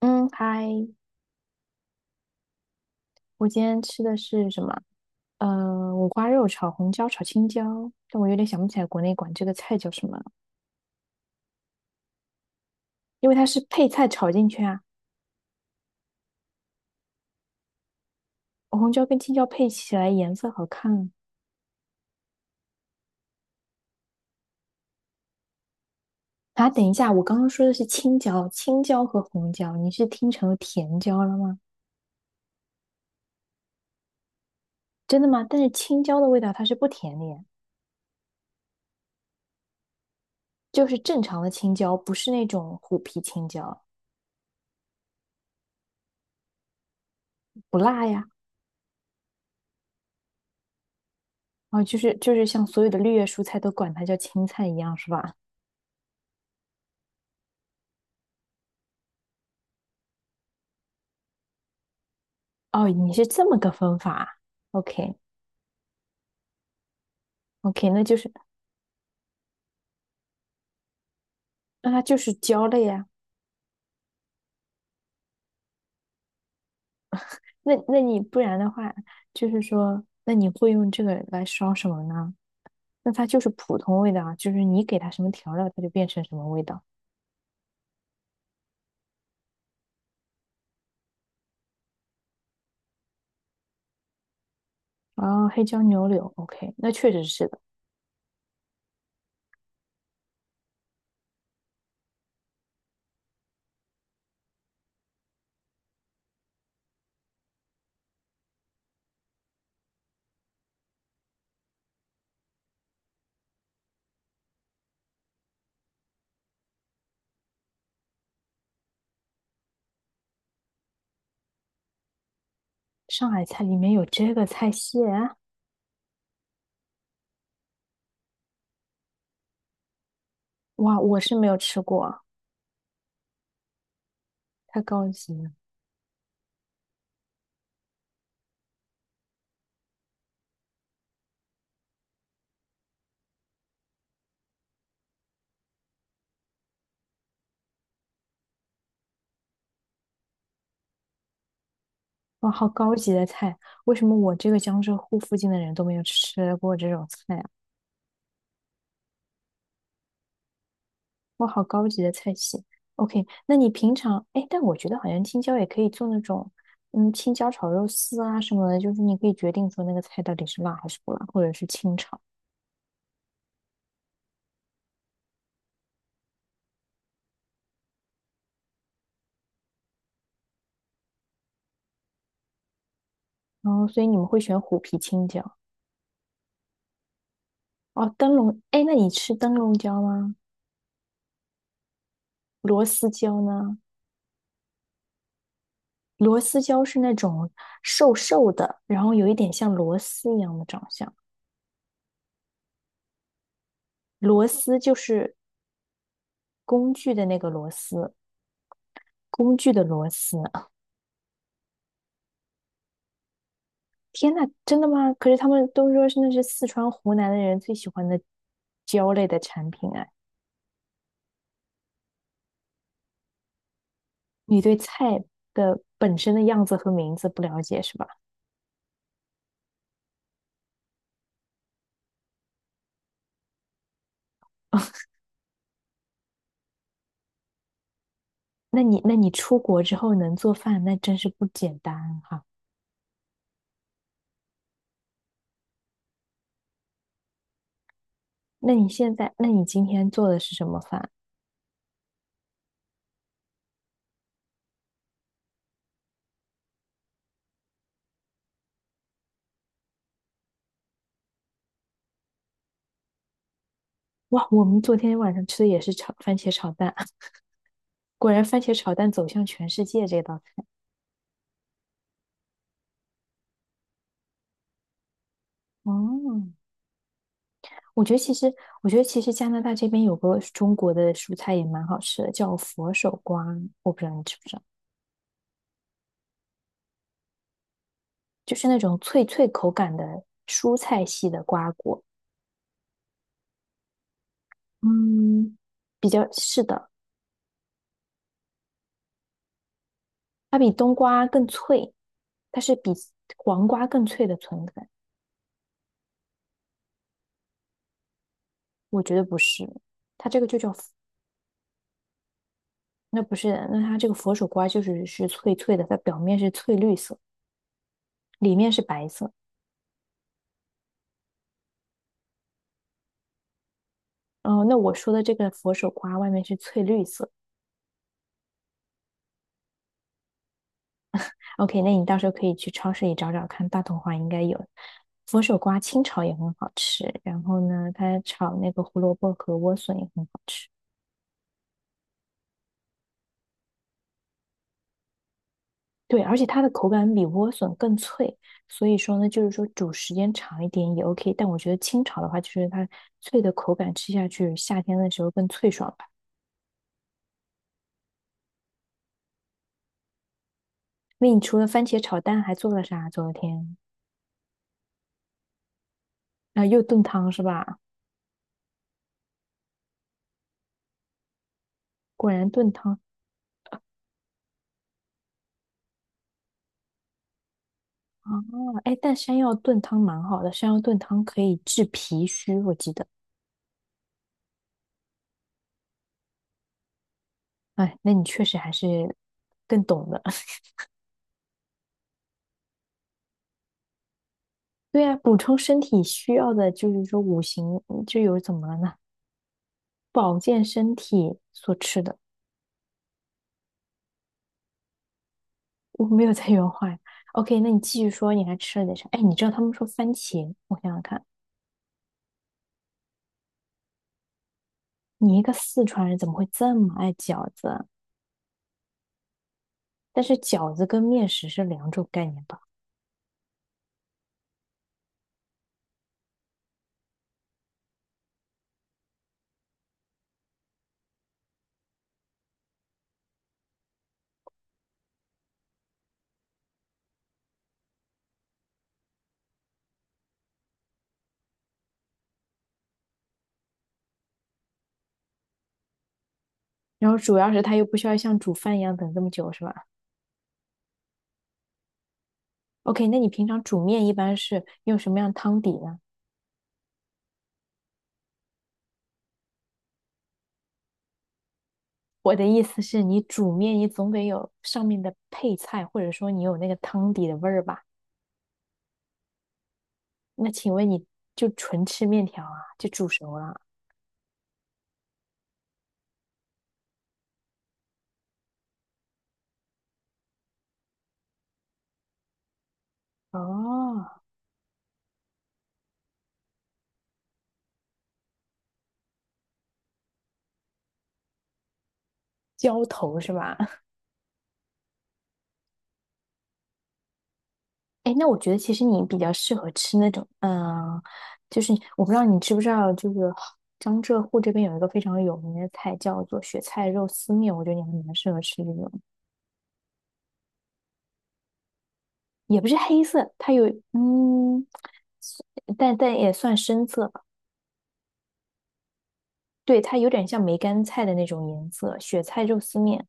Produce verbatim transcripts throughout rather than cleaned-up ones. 嗯，嗨，我今天吃的是什么？呃，五花肉炒红椒炒青椒，但我有点想不起来国内管这个菜叫什么了，因为它是配菜炒进去啊。红椒跟青椒配起来颜色好看啊。啊等一下，我刚刚说的是青椒，青椒和红椒，你是听成了甜椒了吗？真的吗？但是青椒的味道它是不甜的呀，就是正常的青椒，不是那种虎皮青椒，不辣呀。啊，就是就是像所有的绿叶蔬菜都管它叫青菜一样，是吧？哦，你是这么个分法，OK OK，那就是那它就是焦类呀、那那你不然的话，就是说，那你会用这个来烧什么呢？那它就是普通味道啊，就是你给它什么调料，它就变成什么味道。哦，黑椒牛柳，OK，那确实是的。上海菜里面有这个菜系啊，哇，我是没有吃过啊太高级了，哇，好高级的菜，为什么我这个江浙沪附近的人都没有吃过这种菜？啊？哇，好高级的菜系。OK，那你平常，哎，但我觉得好像青椒也可以做那种，嗯，青椒炒肉丝啊什么的，就是你可以决定说那个菜到底是辣还是不辣，或者是清炒。然后，所以你们会选虎皮青椒哦，灯笼。哎，那你吃灯笼椒吗？螺丝椒呢？螺丝椒是那种瘦瘦的，然后有一点像螺丝一样的长相。螺丝就是工具的那个螺丝，工具的螺丝。天呐，真的吗？可是他们都说是那是四川、湖南的人最喜欢的椒类的产品啊。你对菜的本身的样子和名字不了解是吧？那你那你出国之后能做饭，那真是不简单哈。那你现在，那你今天做的是什么饭？哇，我们昨天晚上吃的也是炒番茄炒蛋，果然番茄炒蛋走向全世界这道菜。哦，我觉得其实，我觉得其实加拿大这边有个中国的蔬菜也蛮好吃的，叫佛手瓜，我不知道你知不知道，就是那种脆脆口感的蔬菜系的瓜果。嗯，比较是的，它比冬瓜更脆，它是比黄瓜更脆的存在。我觉得不是，它这个就叫，那不是，那它这个佛手瓜就是是脆脆的，它表面是翠绿色，里面是白色。哦，那我说的这个佛手瓜外面是翠绿色。OK，那你到时候可以去超市里找找看，大同华应该有。佛手瓜清炒也很好吃，然后呢，它炒那个胡萝卜和莴笋也很好吃。对，而且它的口感比莴笋更脆，所以说呢，就是说煮时间长一点也 OK。但我觉得清炒的话，就是它脆的口感吃下去，夏天的时候更脆爽吧。那你除了番茄炒蛋还做了啥啊？昨天啊，又炖汤是吧？果然炖汤啊，哎，但山药炖汤蛮好的，山药炖汤可以治脾虚，我记得。哎，那你确实还是更懂的。对啊，补充身体需要的就是说五行嗯就有怎么了呢？保健身体所吃的，我没有在原话 OK，那你继续说，你还吃了点啥？哎，你知道他们说番茄，我想想看，你一个四川人怎么会这么爱饺子啊但是饺子跟面食是两种概念吧？然后主要是它又不需要像煮饭一样等这么久，是吧？OK，那你平常煮面一般是用什么样汤底呢？我的意思是你煮面，你总得有上面的配菜，或者说你有那个汤底的味儿吧？那请问你就纯吃面条啊？就煮熟了？哦，浇头是吧？哎，那我觉得其实你比较适合吃那种，嗯，就是我不知道你知不知道，就是江浙沪这边有一个非常有名的菜叫做雪菜肉丝面，我觉得你还蛮适合吃这种，也不是黑色，它有嗯，但但也算深色，对，它有点像梅干菜的那种颜色，雪菜肉丝面。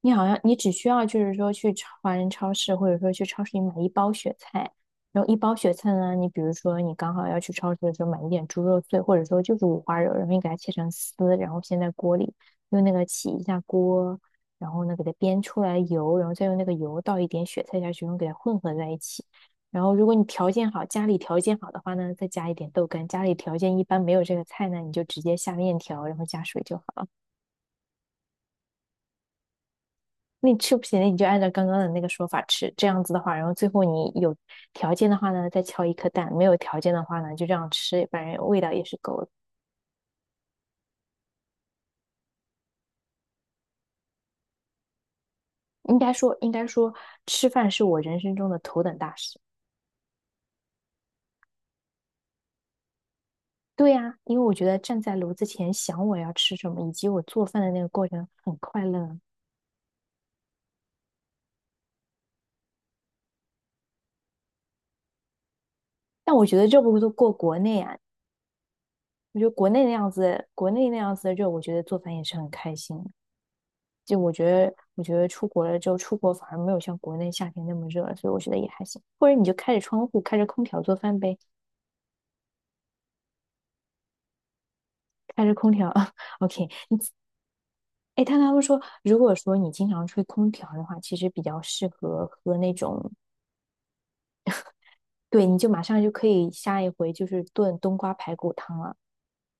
你好像你只需要就是说去超华人超市，或者说去超市里买一包雪菜，然后一包雪菜呢，你比如说你刚好要去超市的时候买一点猪肉碎，或者说就是五花肉，然后你给它切成丝，然后先在锅里用那个起一下锅，然后呢给它煸出来油，然后再用那个油倒一点雪菜下去，然后给它混合在一起。然后如果你条件好，家里条件好的话呢，再加一点豆干；家里条件一般没有这个菜呢，你就直接下面条，然后加水就好。了。那你吃不起行，你就按照刚刚的那个说法吃，这样子的话，然后最后你有条件的话呢，再敲一颗蛋；没有条件的话呢，就这样吃，反正味道也是够的。应该说，应该说，吃饭是我人生中的头等大事。对呀，因为我觉得站在炉子前想我要吃什么，以及我做饭的那个过程很快乐啊但我觉得这不都过国内啊，我觉得国内那样子，国内那样子的热，我觉得做饭也是很开心。就我觉得，我觉得出国了之后，出国反而没有像国内夏天那么热了，所以我觉得也还行。或者你就开着窗户，开着空调做饭呗，开着空调 ，OK。哎，但他们说，如果说你经常吹空调的话，其实比较适合喝那种，对，你就马上就可以下一回就是炖冬瓜排骨汤了。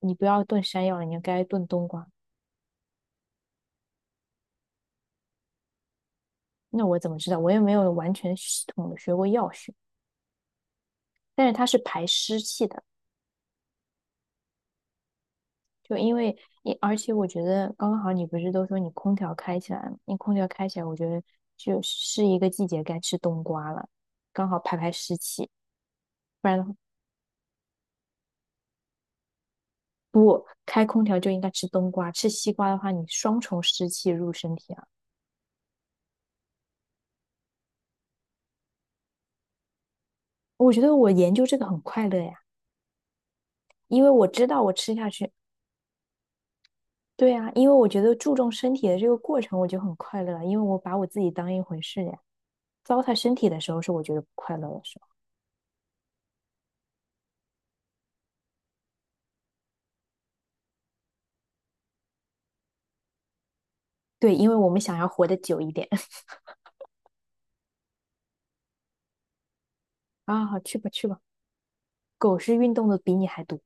你不要炖山药了，你应该炖冬瓜。那我怎么知道？我也没有完全系统的学过药学，但是它是排湿气的。就因为你，而且我觉得刚刚好你不是都说你空调开起来了，你空调开起来，我觉得就是一个季节该吃冬瓜了，刚好排排湿气，不然的话不开空调就应该吃冬瓜，吃西瓜的话你双重湿气入身体啊。我觉得我研究这个很快乐呀，因为我知道我吃下去，对啊，因为我觉得注重身体的这个过程我就很快乐了，因为我把我自己当一回事呀。糟蹋身体的时候是我觉得不快乐的时候，对，因为我们想要活得久一点 啊，好去吧去吧。狗是运动的比你还多